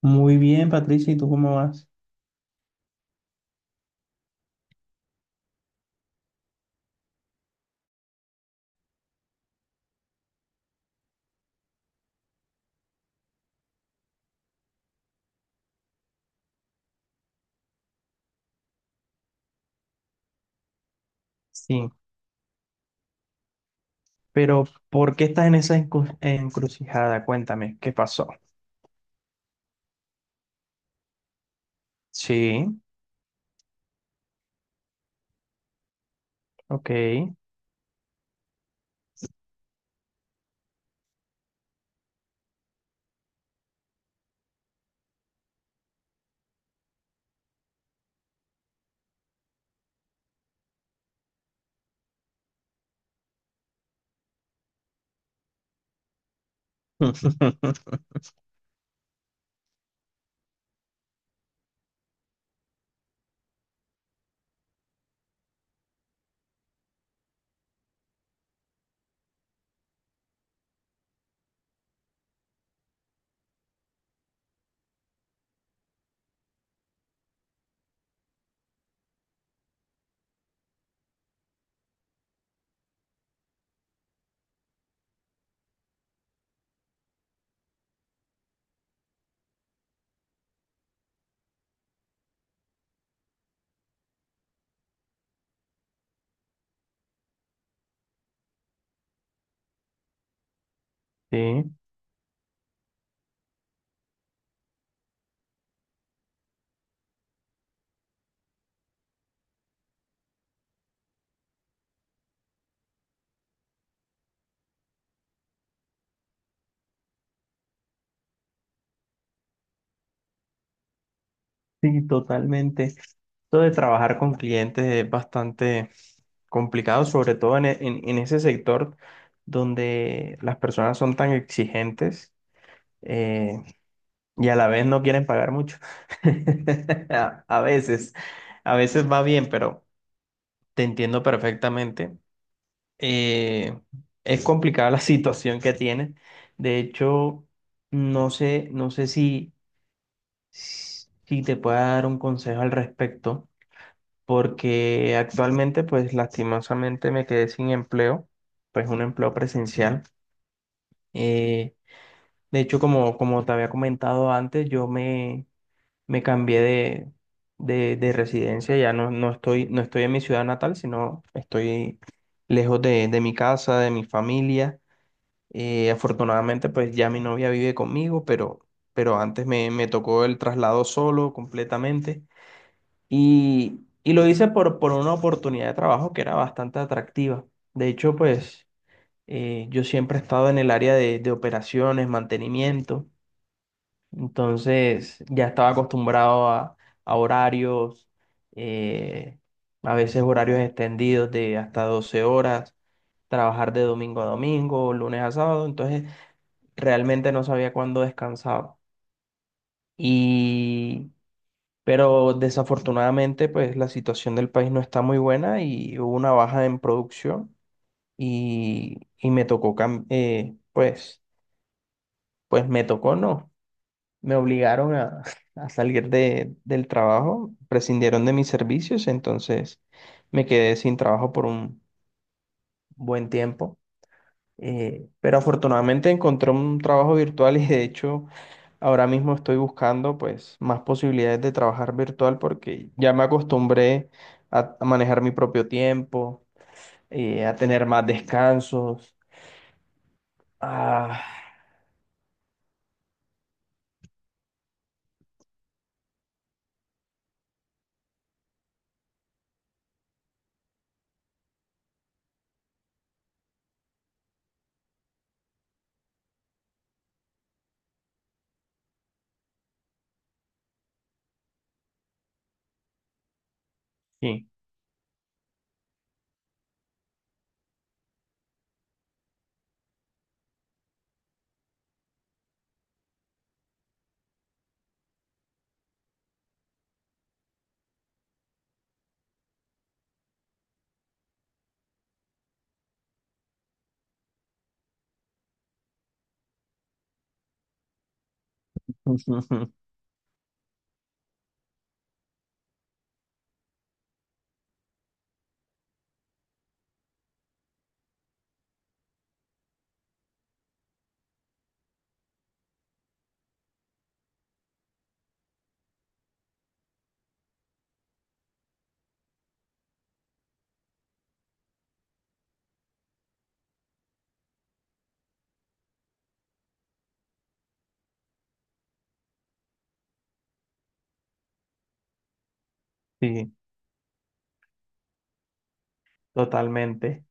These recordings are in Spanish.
Muy bien, Patricia, ¿y tú cómo vas? Sí, pero ¿por qué estás en esa encrucijada? Cuéntame, ¿qué pasó? Sí, ok. Sí, sí, totalmente. Esto de trabajar con clientes es bastante complicado, sobre todo en ese sector donde las personas son tan exigentes eh, y a la vez no quieren pagar mucho. A veces, a veces va bien, pero te entiendo perfectamente. eh, es complicada la situación que tienes. De hecho, no sé, no sé si, si te pueda dar un consejo al respecto, porque actualmente, pues lastimosamente me quedé sin empleo, pues un empleo presencial. Eh, de hecho, como, como te había comentado antes, me cambié de residencia, ya no, no estoy, no estoy en mi ciudad natal, sino estoy lejos de mi casa, de mi familia. Afortunadamente, pues ya mi novia vive conmigo, pero antes me, me tocó el traslado solo completamente. Y lo hice por una oportunidad de trabajo que era bastante atractiva. De hecho, pues yo siempre he estado en el área de operaciones, mantenimiento, entonces ya estaba acostumbrado a horarios, eh, a veces horarios extendidos de hasta 12 horas, trabajar de domingo a domingo, lunes a sábado, entonces realmente no sabía cuándo descansaba. Y, pero desafortunadamente, pues la situación del país no está muy buena y hubo una baja en producción y me tocó, pues me tocó, no, me obligaron a, a salir de, del trabajo, prescindieron de mis servicios, entonces me quedé sin trabajo por un buen tiempo. Pero afortunadamente encontré un trabajo virtual y de hecho ahora mismo estoy buscando pues más posibilidades de trabajar virtual porque ya me acostumbré a manejar mi propio tiempo, a tener más descansos. Ah, sí, sí, totalmente.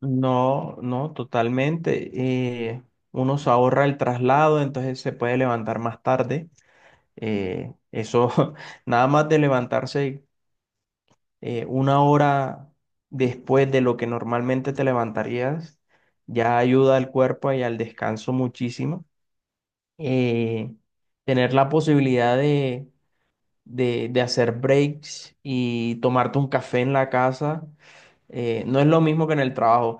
No, no, totalmente. eh, Uno se ahorra el traslado, entonces se puede levantar más tarde. Eso, nada más de levantarse una hora después de lo que normalmente te levantarías, ya ayuda al cuerpo y al descanso muchísimo. Eh, Tener la posibilidad de hacer breaks y tomarte un café en la casa, no es lo mismo que en el trabajo.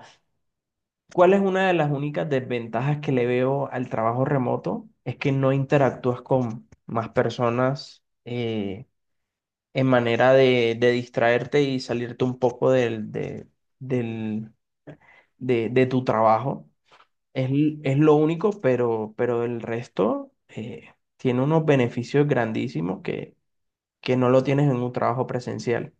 ¿Cuál es una de las únicas desventajas que le veo al trabajo remoto? Es que no interactúas con más personas. En manera de distraerte y salirte un poco del- de tu trabajo. Es lo único, pero el resto tiene unos beneficios grandísimos que no lo tienes en un trabajo presencial.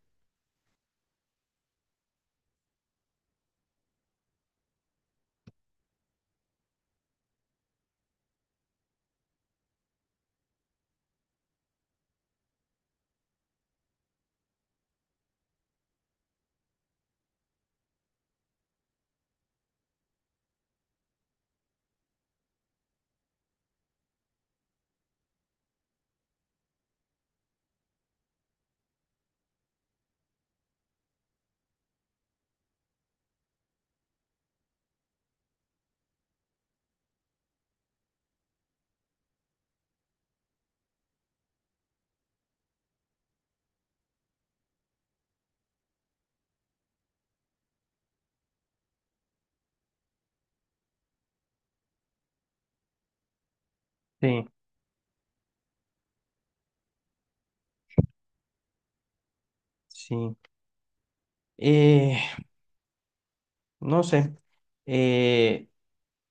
Sí, sí. Eh, no sé. Eh,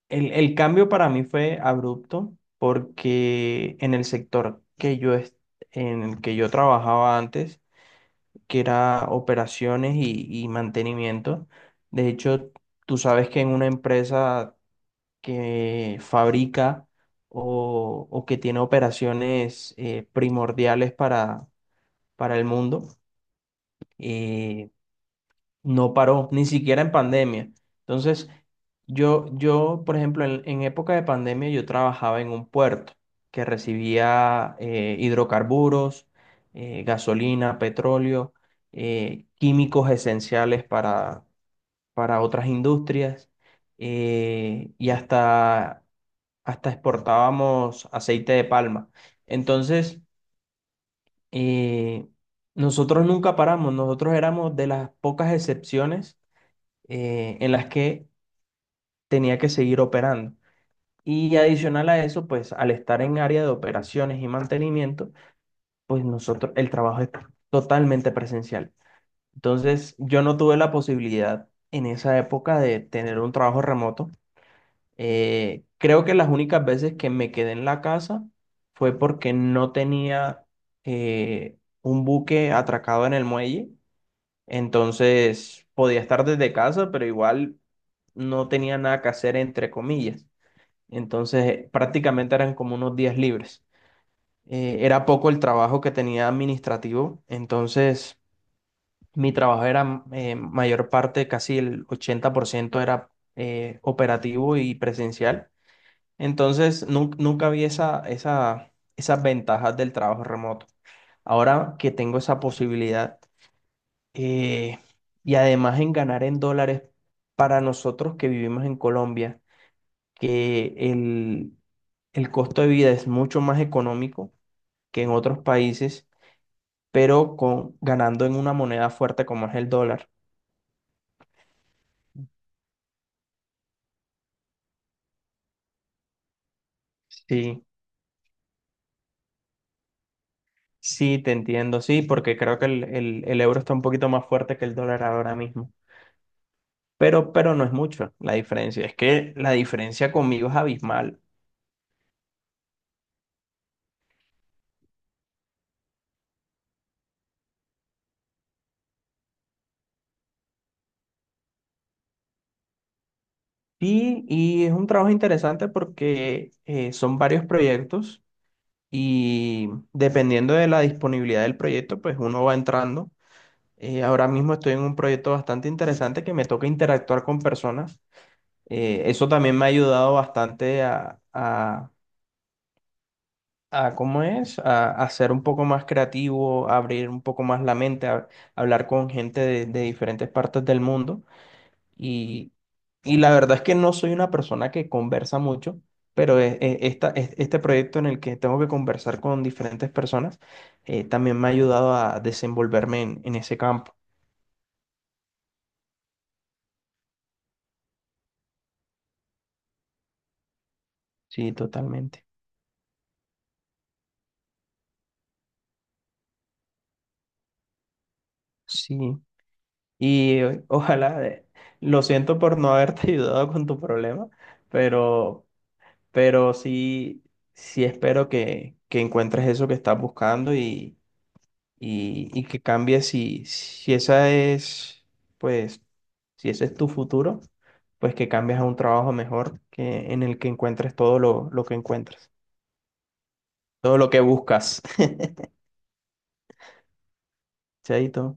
el cambio para mí fue abrupto porque en el sector que yo, es en el que yo trabajaba antes, que era operaciones y mantenimiento. De hecho, tú sabes que en una empresa que fabrica o que tiene operaciones primordiales para el mundo, eh, no paró, ni siquiera en pandemia. Entonces, yo, por ejemplo, en época de pandemia yo trabajaba en un puerto que recibía hidrocarburos, gasolina, petróleo, químicos esenciales para otras industrias y hasta, hasta exportábamos aceite de palma. Entonces, eh, nosotros nunca paramos, nosotros éramos de las pocas excepciones en las que tenía que seguir operando. Y adicional a eso, pues al estar en área de operaciones y mantenimiento, pues nosotros, el trabajo es totalmente presencial. Entonces, yo no tuve la posibilidad en esa época de tener un trabajo remoto. Creo que las únicas veces que me quedé en la casa fue porque no tenía un buque atracado en el muelle. Entonces podía estar desde casa, pero igual no tenía nada que hacer, entre comillas. Entonces prácticamente eran como unos días libres. Era poco el trabajo que tenía administrativo, entonces mi trabajo era mayor parte, casi el 80% era operativo y presencial. Entonces nunca vi esa, esa, esas ventajas del trabajo remoto. Ahora que tengo esa posibilidad eh, y además en ganar en dólares para nosotros que vivimos en Colombia, que el costo de vida es mucho más económico que en otros países, pero con, ganando en una moneda fuerte como es el dólar. Sí, sí, te entiendo, sí, porque creo que el euro está un poquito más fuerte que el dólar ahora mismo, pero no es mucho la diferencia, es que la diferencia conmigo es abismal. Y es un trabajo interesante porque son varios proyectos y dependiendo de la disponibilidad del proyecto, pues uno va entrando. Ahora mismo estoy en un proyecto bastante interesante que me toca interactuar con personas. Eso también me ha ayudado bastante a ¿cómo es? A ser un poco más creativo, a abrir un poco más la mente, a, hablar con gente de diferentes partes del mundo. Y, y la verdad es que no soy una persona que conversa mucho, pero este proyecto en el que tengo que conversar con diferentes personas también me ha ayudado a desenvolverme en ese campo. Sí, totalmente. Sí. Y ojalá, lo siento por no haberte ayudado con tu problema, pero, pero sí, sí espero que encuentres eso que estás buscando y que cambie si, si esa es, pues, si ese es tu futuro, pues que cambies a un trabajo mejor que en el que encuentres todo lo que encuentras, todo lo que buscas. Chaito.